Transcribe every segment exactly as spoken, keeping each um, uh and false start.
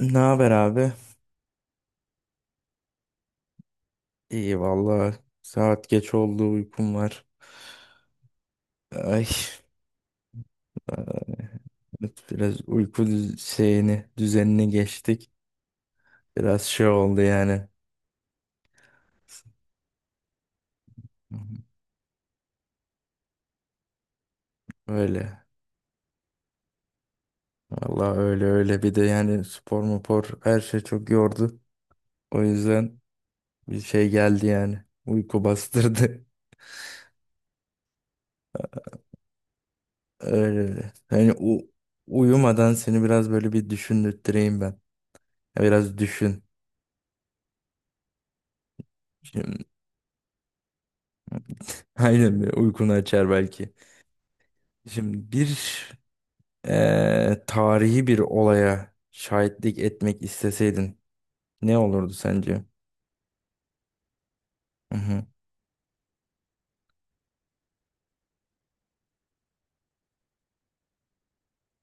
Ne haber abi? İyi valla. Saat geç oldu, uykum var. Ay, e, biraz uyku düz- şeyini düzenini geçtik. Biraz şey oldu yani. Öyle. Valla, öyle öyle. Bir de yani spor mupor her şey çok yordu. O yüzden bir şey geldi yani. Uyku bastırdı. Öyle öyle. Yani u- uyumadan seni biraz böyle bir düşündürteyim ben. Biraz düşün. Şimdi, aynen, bir uykunu açar belki. Şimdi bir eee, tarihi bir olaya şahitlik etmek isteseydin, ne olurdu sence? Hı hı.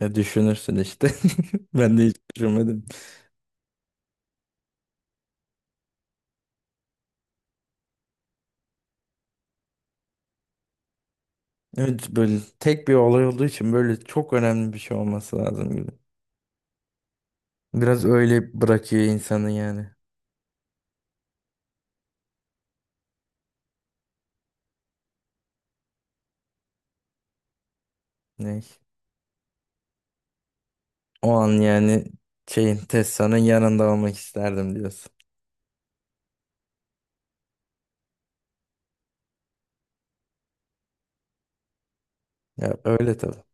Ya, düşünürsün işte. Ben de hiç düşünmedim. Evet, böyle tek bir olay olduğu için böyle çok önemli bir şey olması lazım gibi. Biraz öyle bırakıyor insanı yani. Ne? O an yani şeyin, Tesla'nın yanında olmak isterdim diyorsun. Ya öyle, tabii.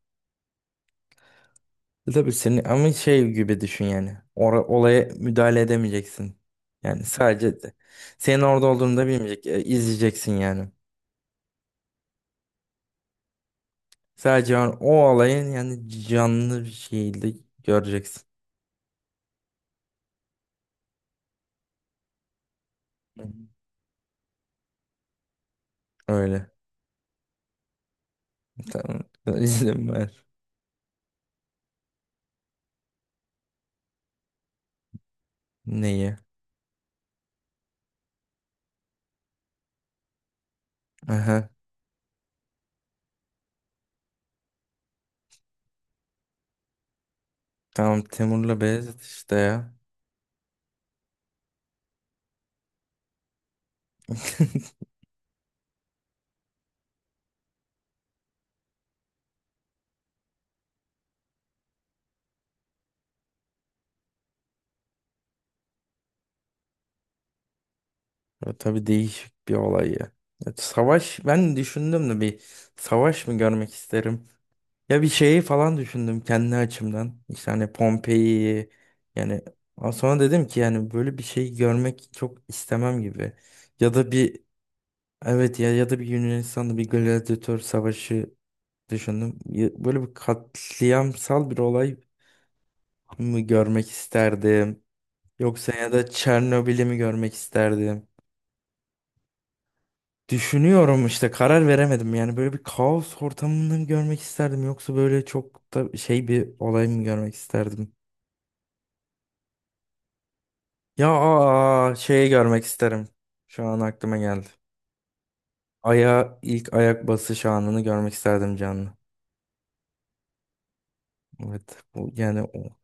E, Tabii senin ama şey gibi düşün yani. Ora- olaya müdahale edemeyeceksin. Yani sadece de- senin orada olduğunu da bilmeyecek. e, izleyeceksin yani. Sadece an- o olayın yani canlı bir şekilde göreceksin. Hı hı. Öyle. Tamam. İzin ver. Neyi? Aha. Tamam, Temur'la Beyazıt işte ya. Ya tabii, değişik bir olay ya. Ya savaş, ben düşündüm de bir savaş mı görmek isterim? Ya bir şeyi falan düşündüm kendi açımdan. İşte hani Pompei'yi yani, ama sonra dedim ki yani böyle bir şey görmek çok istemem gibi. Ya da bir, evet ya, ya da bir Yunanistan'da bir gladyatör savaşı düşündüm. Ya böyle bir katliamsal bir olay mı görmek isterdim? Yoksa ya da Çernobil'i mi görmek isterdim? Düşünüyorum işte, karar veremedim. Yani böyle bir kaos ortamını mı görmek isterdim, yoksa böyle çok da şey bir olay mı görmek isterdim? Ya, aa, şeyi görmek isterim. Şu an aklıma geldi. Aya ilk ayak basış anını görmek isterdim, canlı. Evet. Bu, yani o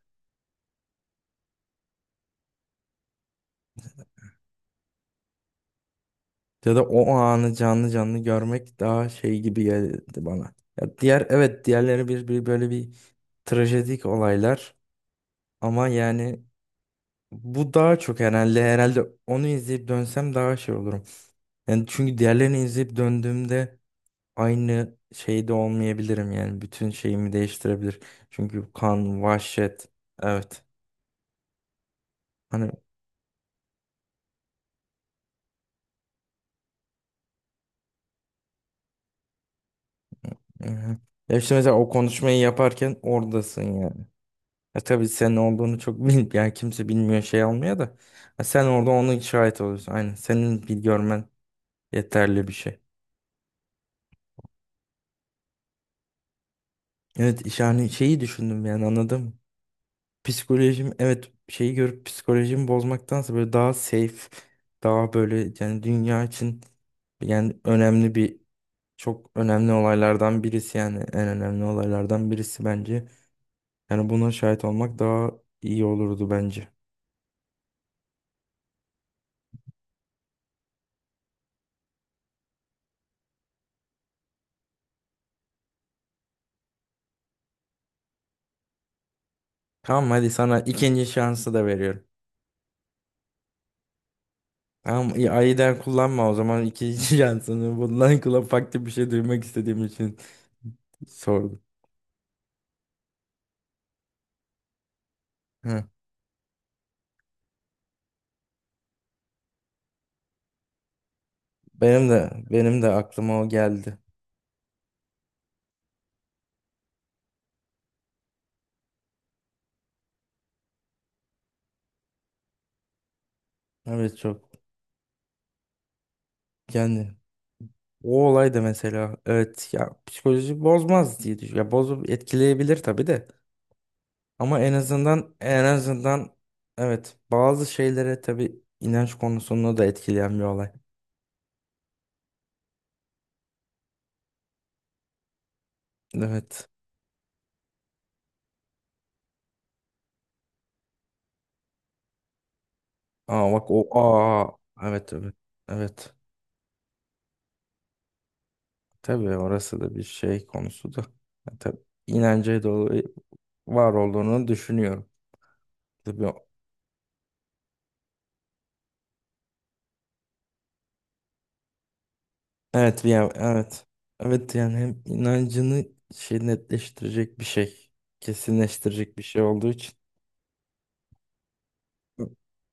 ya da o anı canlı canlı görmek daha şey gibi geldi bana. Ya diğer, evet, diğerleri bir, bir böyle bir trajedik olaylar ama yani bu daha çok herhalde herhalde onu izleyip dönsem daha şey olurum. Yani çünkü diğerlerini izleyip döndüğümde aynı şeyde olmayabilirim, yani bütün şeyimi değiştirebilir. Çünkü kan, vahşet. Evet. Hani, hı hı. Ya işte mesela o konuşmayı yaparken oradasın yani. E tabii senin olduğunu çok bilmiyor. Yani kimse bilmiyor, şey almıyor da. E sen orada onun şahit oluyorsun. Aynen. Senin bir görmen yeterli bir şey. Evet, iş- yani şeyi düşündüm, yani anladım. Psikolojim, evet, şeyi görüp psikolojimi bozmaktansa böyle daha safe, daha böyle yani dünya için, yani önemli bir, çok önemli olaylardan birisi, yani en önemli olaylardan birisi bence. Yani buna şahit olmak daha iyi olurdu bence. Tamam, hadi sana ikinci şansı da veriyorum. Tamam iyi, ayıdan kullanma o zaman ikinci şansını. Bundan kula farklı bir şey duymak istediğim için sordum. Hı. Benim de benim de aklıma o geldi. Evet çok, yani o olay da mesela, evet ya, psikoloji bozmaz diye düşünüyorum. Ya bozup etkileyebilir tabii de. Ama en azından en azından evet bazı şeylere, tabii inanç konusunda da etkileyen bir olay. Evet. Aa bak, o, aa, evet evet. Evet. Tabii orası da bir şey konusu da. Ya tabii, inanca dolu var olduğunu düşünüyorum. Tabii. o- Evet ya, evet. Evet, yani hem inancını şey netleştirecek bir şey, kesinleştirecek bir şey olduğu için.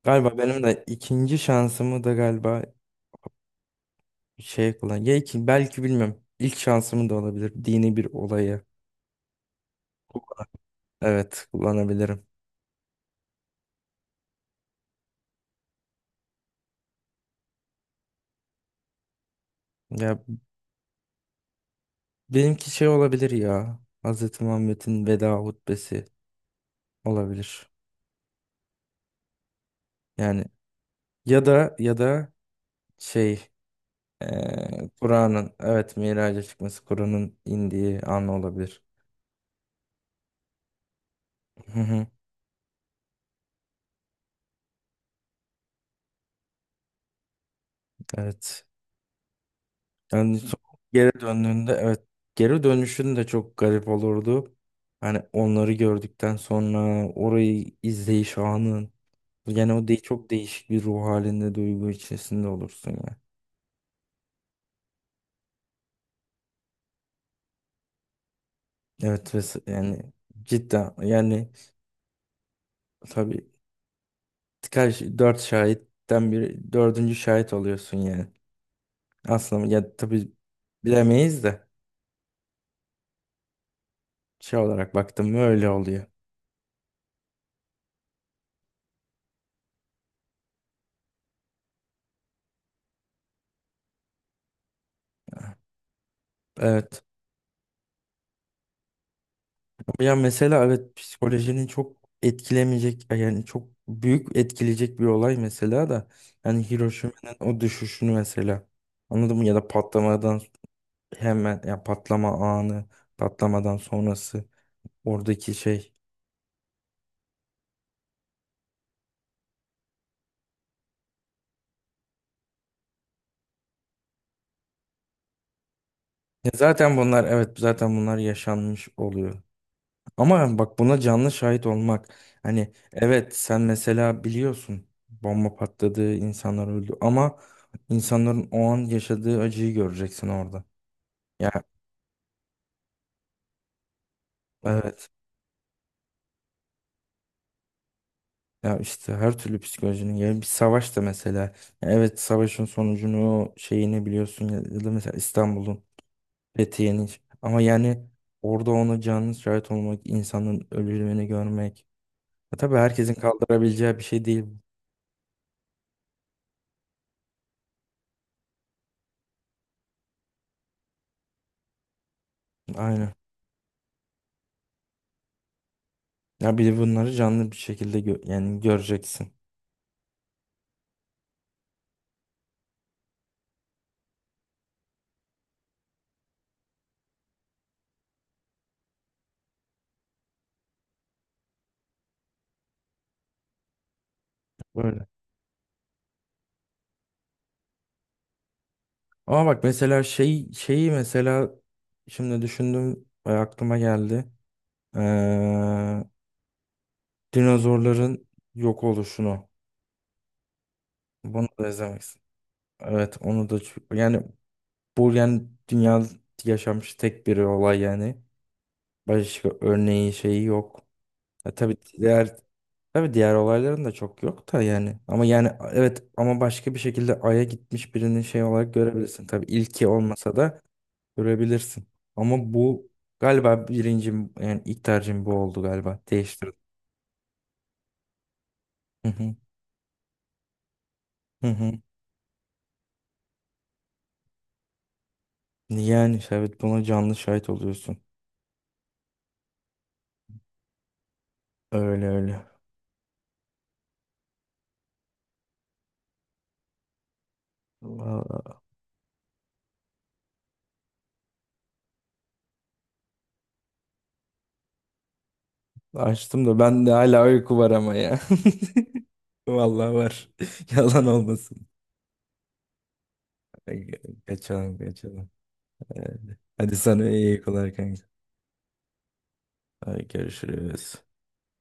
Galiba benim de ikinci şansımı da galiba şey kullan. Ya iki- belki bilmiyorum. İlk şansım da olabilir. Dini bir olayı. Evet, kullanabilirim. Ya benimki şey olabilir ya. Hz. Muhammed'in veda hutbesi olabilir. Yani, ya da ya da şey, eee, Kur'an'ın, evet, miraca çıkması, Kur'an'ın indiği an olabilir. Hı hı. Evet. Yani son- geri döndüğünde, evet, geri dönüşün de çok garip olurdu. Hani onları gördükten sonra orayı izleyiş anın, yani o de çok değişik bir ruh halinde, duygu içerisinde olursun ya. Evet ve s- yani cidden, yani tabii kaç dört şahitten bir dördüncü şahit oluyorsun yani. Aslında ya tabii bilemeyiz de şey olarak baktım mı öyle oluyor. Evet. Ama ya mesela evet, psikolojinin çok etkilemeyecek yani çok büyük etkileyecek bir olay mesela da, yani Hiroşima'nın o düşüşünü mesela, anladın mı, ya da patlamadan, hemen ya, patlama anı, patlamadan sonrası, oradaki şey. Ya zaten bunlar, evet, zaten bunlar yaşanmış oluyor. Ama bak, buna canlı şahit olmak. Hani, evet, sen mesela biliyorsun bomba patladı, insanlar öldü ama insanların o an yaşadığı acıyı göreceksin orada. Ya evet. Ya işte her türlü psikolojinin, ya bir savaş da mesela. Ya evet, savaşın sonucunu şeyini biliyorsun ya, ya da mesela İstanbul'un, Fethiye'nin, ama yani orada ona canlı şahit olmak, insanın ölümünü görmek. Ya tabii, herkesin kaldırabileceği bir şey değil. Aynen. Ya bir de bunları canlı bir şekilde gö- yani göreceksin. Böyle. Ama bak mesela şey şeyi mesela şimdi düşündüm ve aklıma geldi. Ee, Dinozorların yok oluşunu. Bunu da izlemeksin. Evet onu da çok- yani bu yani dünyada yaşanmış tek bir olay yani. Başka örneği şeyi yok. Ya tabii diğer, tabii diğer olayların da çok yok da yani. Ama yani evet, ama başka bir şekilde Ay'a gitmiş birinin şey olarak görebilirsin. Tabii ilki olmasa da görebilirsin. Ama bu galiba birincim, yani ilk tercihim bu oldu galiba. Değiştirdim. Hı hı. Hı hı. Yani işte evet buna canlı şahit oluyorsun. Öyle öyle. Vallahi açtım da ben de hala uyku var ama ya. Vallahi var. Yalan olmasın. Kaçalım, kaçalım. Hadi sana iyi uykular kanka. Hadi görüşürüz.